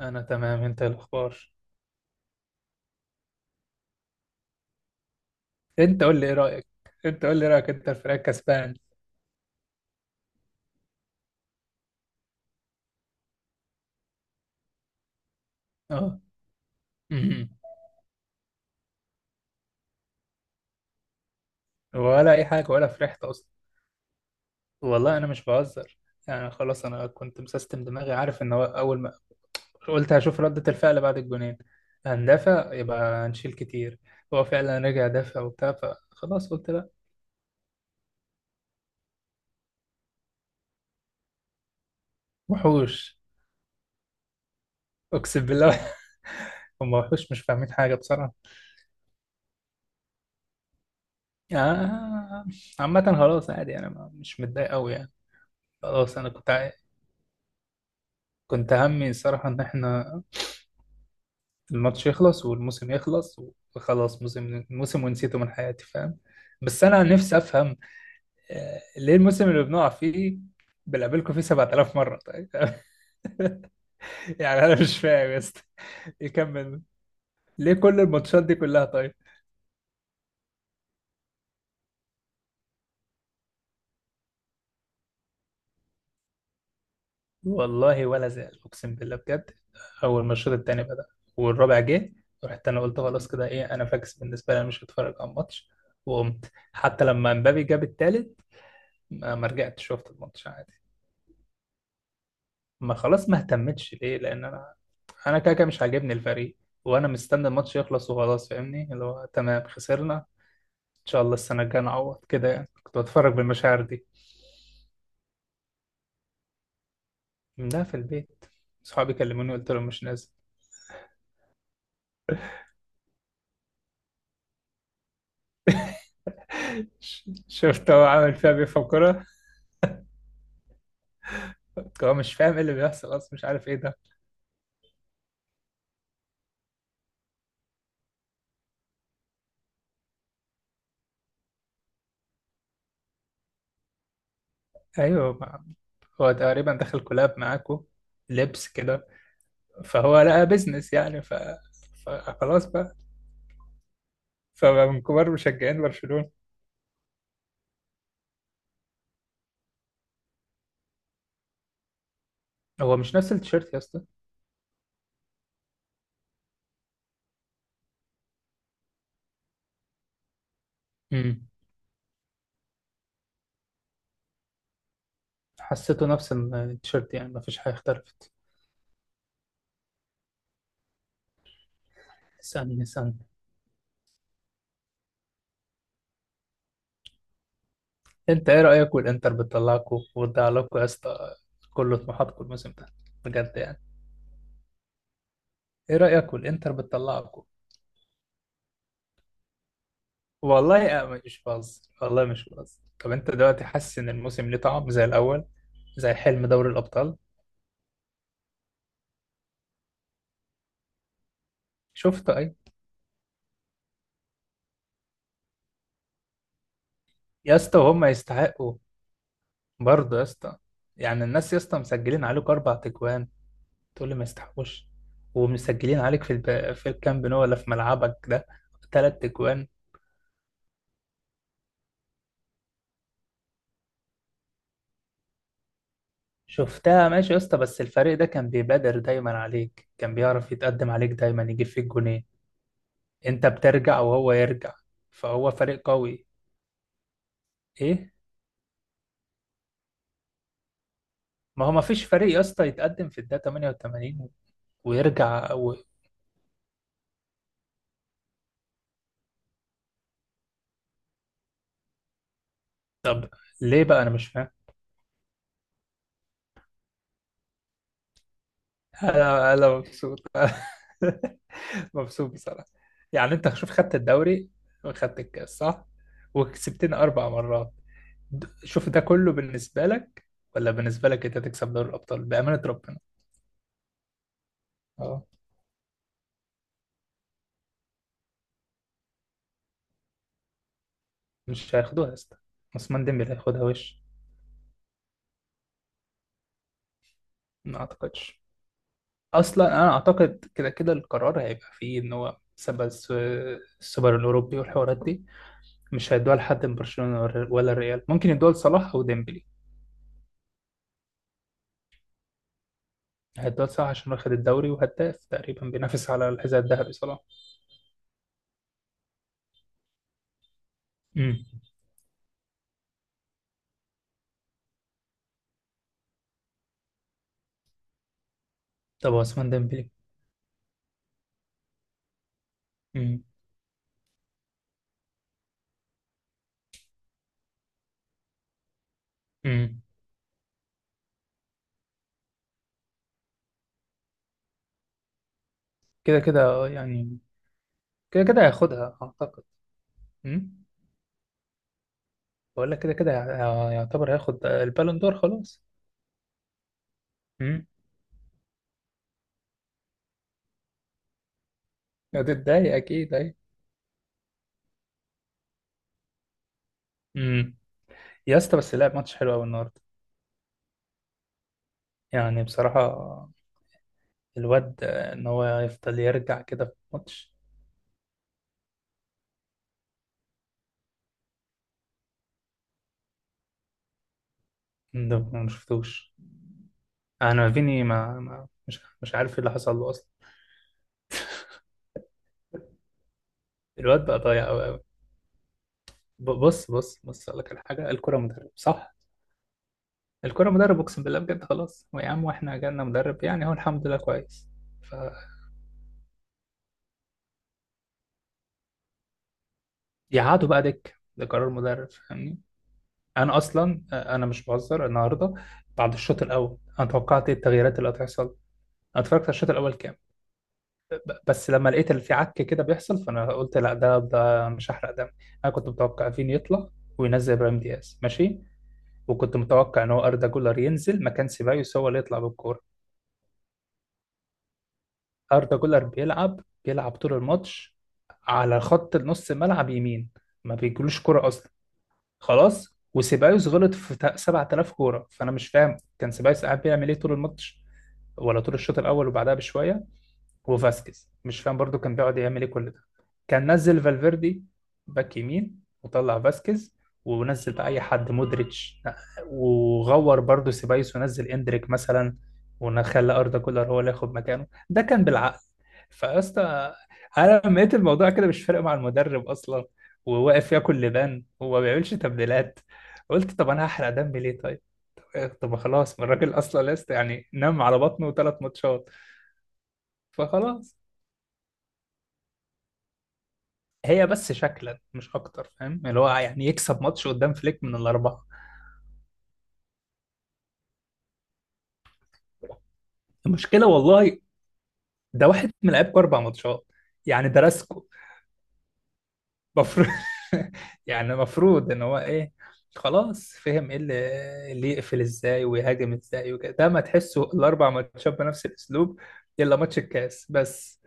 انا تمام، انت إيه الاخبار؟ انت قول لي ايه رايك. انت قول لي رايك انت، الفريق كسبان. اه. أمم. ولا اي حاجه، ولا فرحت اصلا. والله انا مش بهزر. يعني خلاص انا كنت مسستم دماغي، عارف ان هو اول ما قلت هشوف رده الفعل بعد الجونين، هندافع يبقى هنشيل كتير. هو فعلا رجع دافع وبتاع، فخلاص قلت لا. وحوش. اقسم بالله. هم وحوش مش فاهمين حاجه بصراحه. آه. عامة خلاص عادي، أنا مش متضايق أوي يعني. خلاص أنا كنت، كنت همي الصراحة إن إحنا الماتش يخلص والموسم يخلص، وخلاص، موسم موسم ونسيته من حياتي، فاهم. بس أنا نفسي أفهم ليه الموسم اللي بنقع فيه بنقابلكم فيه 7000 مرة؟ طيب. يعني أنا مش فاهم، بس يكمل. ليه كل الماتشات دي كلها؟ طيب، والله ولا زال أقسم بالله بجد. أول ما الشوط التاني بدأ والرابع جه، رحت أنا قلت خلاص كده، إيه، أنا فاكس، بالنسبة لي أنا مش هتفرج على الماتش. وقمت حتى لما مبابي جاب التالت، ما رجعت شفت الماتش عادي. ما خلاص ما اهتمتش، ليه؟ لان انا، انا كده كده مش عاجبني الفريق. وانا مستني الماتش يخلص وخلاص، فاهمني، اللي هو تمام خسرنا، ان شاء الله السنه الجايه نعوض كده، يعني كنت بتفرج بالمشاعر دي. لا، في البيت. صحابي كلموني قلت لهم مش نازل. شفت هو عامل فيها بيفهم كرة. هو مش فاهم ايه اللي بيحصل اصلا، مش عارف ايه ده. ايوه، هو تقريبا دخل كولاب معاكو، لبس كده، فهو لقى بيزنس يعني فخلاص بقى. فمن كبار مشجعين برشلونة. هو مش نفس التيشيرت يا اسطى. امم. حسيته نفس التيشيرت، يعني مفيش حاجة اختلفت. اسألني اسألني. انت ايه رأيك والانتر بتطلعكوا وتضيع لكم يا اسطى كل طموحاتكم الموسم ده؟ بجد يعني. ايه رأيك والانتر بتطلعكوا؟ والله أنا مش بهزر، والله مش بهزر. طب انت دلوقتي حاسس ان الموسم ليه طعم زي الاول، زي حلم دوري الابطال؟ شفته، اي. يا اسطى وهم يستحقوا برضه يا اسطى. يعني الناس يا اسطى مسجلين عليكوا 4 تجوان تقول لي ما يستحقوش؟ ومسجلين عليك في في الكامب نو، ولا في ملعبك ده 3 اجوان. شفتها ماشي يا اسطى، بس الفريق ده كان بيبادر دايما عليك، كان بيعرف يتقدم عليك دايما، يجيب فيك جونين، انت بترجع وهو يرجع، فهو فريق قوي. ايه، ما هو ما فيش فريق يا اسطى يتقدم في الدقيقة 88 ويرجع طب ليه بقى؟ انا مش فاهم. انا انا مبسوط. مبسوط بصراحة. يعني انت شوف، خدت الدوري وخدت الكاس صح، وكسبتنا 4 مرات، شوف ده كله بالنسبة لك ولا بالنسبة لك انت تكسب دوري الابطال؟ بأمانة ربنا. اه. مش هياخدوها يا اسطى، عثمان ديمبلي هياخدها وش. ما اعتقدش. اصلا انا اعتقد كده كده القرار هيبقى فيه ان هو سبب السوبر الاوروبي والحوارات دي، مش هيدوها لحد من برشلونة ولا ولا الريال، ممكن يدوها لصلاح او ديمبلي. هيدوها لصلاح عشان واخد الدوري وهداف تقريبا بينافس على الحذاء الذهبي صلاح. امم. طب عثمان ديمبلي. امم. امم. كده كده يعني. كده كده هياخدها اعتقد. امم. بقول لك كده كده يعتبر هياخد البالون دور خلاص. امم. هتتضايق اكيد، اي. امم. يا اسطى بس لعب ماتش حلو قوي النهارده. يعني بصراحه الواد ان هو يفضل يرجع كده في الماتش. ده ما شفتوش. انا فيني ما مش عارف ايه اللي حصل له اصلا. الواد بقى ضايع قوي قوي. بص بص بص، اقول لك على حاجه، الكره مدرب صح. الكرة مدرب، اقسم بالله بجد. خلاص هو يا عم، واحنا جالنا مدرب يعني، هو الحمد لله كويس. فيقعدوا بقى دك، ده قرار مدرب، فاهمني. انا اصلا انا مش بهزر النهارده. بعد الشوط الاول انا توقعت ايه التغييرات اللي هتحصل. انا اتفرجت على الشوط الاول كام، بس لما لقيت اللي في عك كده بيحصل، فانا قلت لا ده مش هحرق دم. انا كنت متوقع فين يطلع وينزل ابراهيم دياز، ماشي. وكنت متوقع ان هو اردا جولر ينزل مكان سيبايوس، هو اللي يطلع بالكوره. أردا جولر بيلعب، بيلعب طول الماتش على خط نص الملعب يمين، ما بيجيلوش كرة أصلا. خلاص. وسيبايوس غلط في 7000 كورة، فأنا مش فاهم كان سيبايوس قاعد بيعمل إيه طول الماتش، ولا طول الشوط الأول وبعدها بشوية. وفاسكيز مش فاهم برضو كان بيقعد يعمل ايه كل ده. كان نزل فالفيردي باك يمين وطلع فاسكيز، ونزل بقى اي حد، مودريتش، وغور برضو سيبايوس ونزل اندريك مثلا، ونخلى اردا كولر هو اللي ياخد مكانه، ده كان بالعقل. فيا اسطى انا لما لقيت الموضوع كده مش فارق مع المدرب اصلا، وواقف ياكل لبان وما بيعملش تبديلات، قلت طب انا هحرق دمي ليه طيب؟ طب خلاص، ما الراجل اصلا لسه يعني نام على بطنه 3 ماتشات، فخلاص. هي بس شكلا مش اكتر، فاهم، اللي هو يعني يكسب ماتش قدام فليك من الاربعه. المشكله والله ده واحد من لعيبكوا 4 ماتشات، يعني درسكوا المفروض. يعني المفروض ان هو ايه؟ خلاص فهم ايه اللي يقفل ازاي ويهاجم ازاي وكده، ده ما تحسوا الـ4 ماتشات بنفس الاسلوب الا ماتش الكاس بس.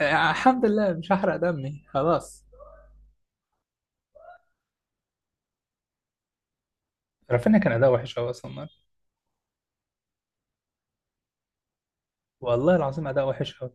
الحمد لله مش هحرق دمي خلاص. رافينيا كان اداء وحش قوي اصلا النهاردة. والله العظيم اداء وحش قوي.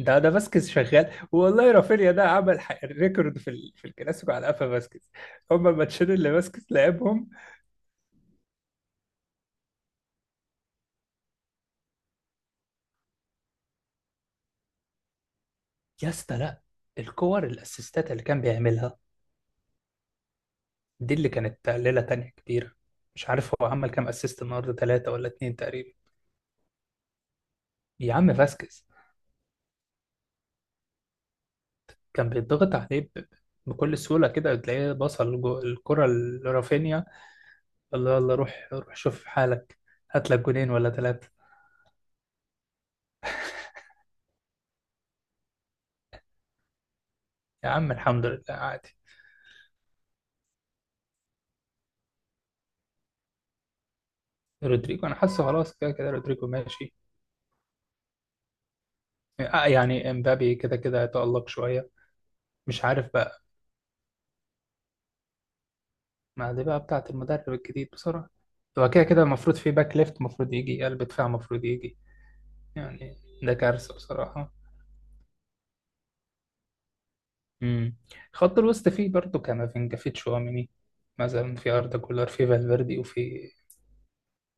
ده ده فاسكيز شغال، والله رافينيا ده عمل ريكورد في في الكلاسيكو على قفا فاسكيز، هما الماتشين اللي فاسكيز لعبهم. يا اسطى لا، الكور الاسيستات اللي كان بيعملها دي اللي كانت ليله تانية كبيره. مش عارف هو عمل كام اسيست النهارده، ثلاثه ولا اتنين تقريبا. يا عم فاسكيز كان بيتضغط عليه بكل سهوله كده تلاقيه بصل الكره لرافينيا. الله الله، روح روح شوف حالك، هات لك جونين ولا ثلاثه. يا عم الحمد لله عادي. رودريجو انا حاسه خلاص كده كده رودريجو ماشي. يعني امبابي كده كده هيتألق شوية. مش عارف بقى، ما دي بقى بتاعة المدرب الجديد بصراحة. هو كده كده المفروض في باك ليفت، المفروض يجي قلب دفاع، المفروض يجي يعني، ده كارثة بصراحة. امم. خط الوسط فيه برضه كامافينجا، فيه تشواميني مثلا، في أردا كولر، في فالفيردي، وفي،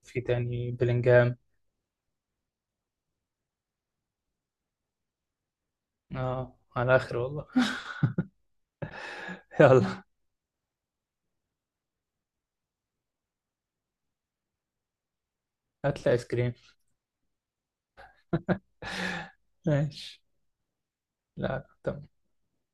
في تاني بلينجهام. اه، على آخر والله. يلا هات لي آيس كريم. ماشي. لا لا، تمام.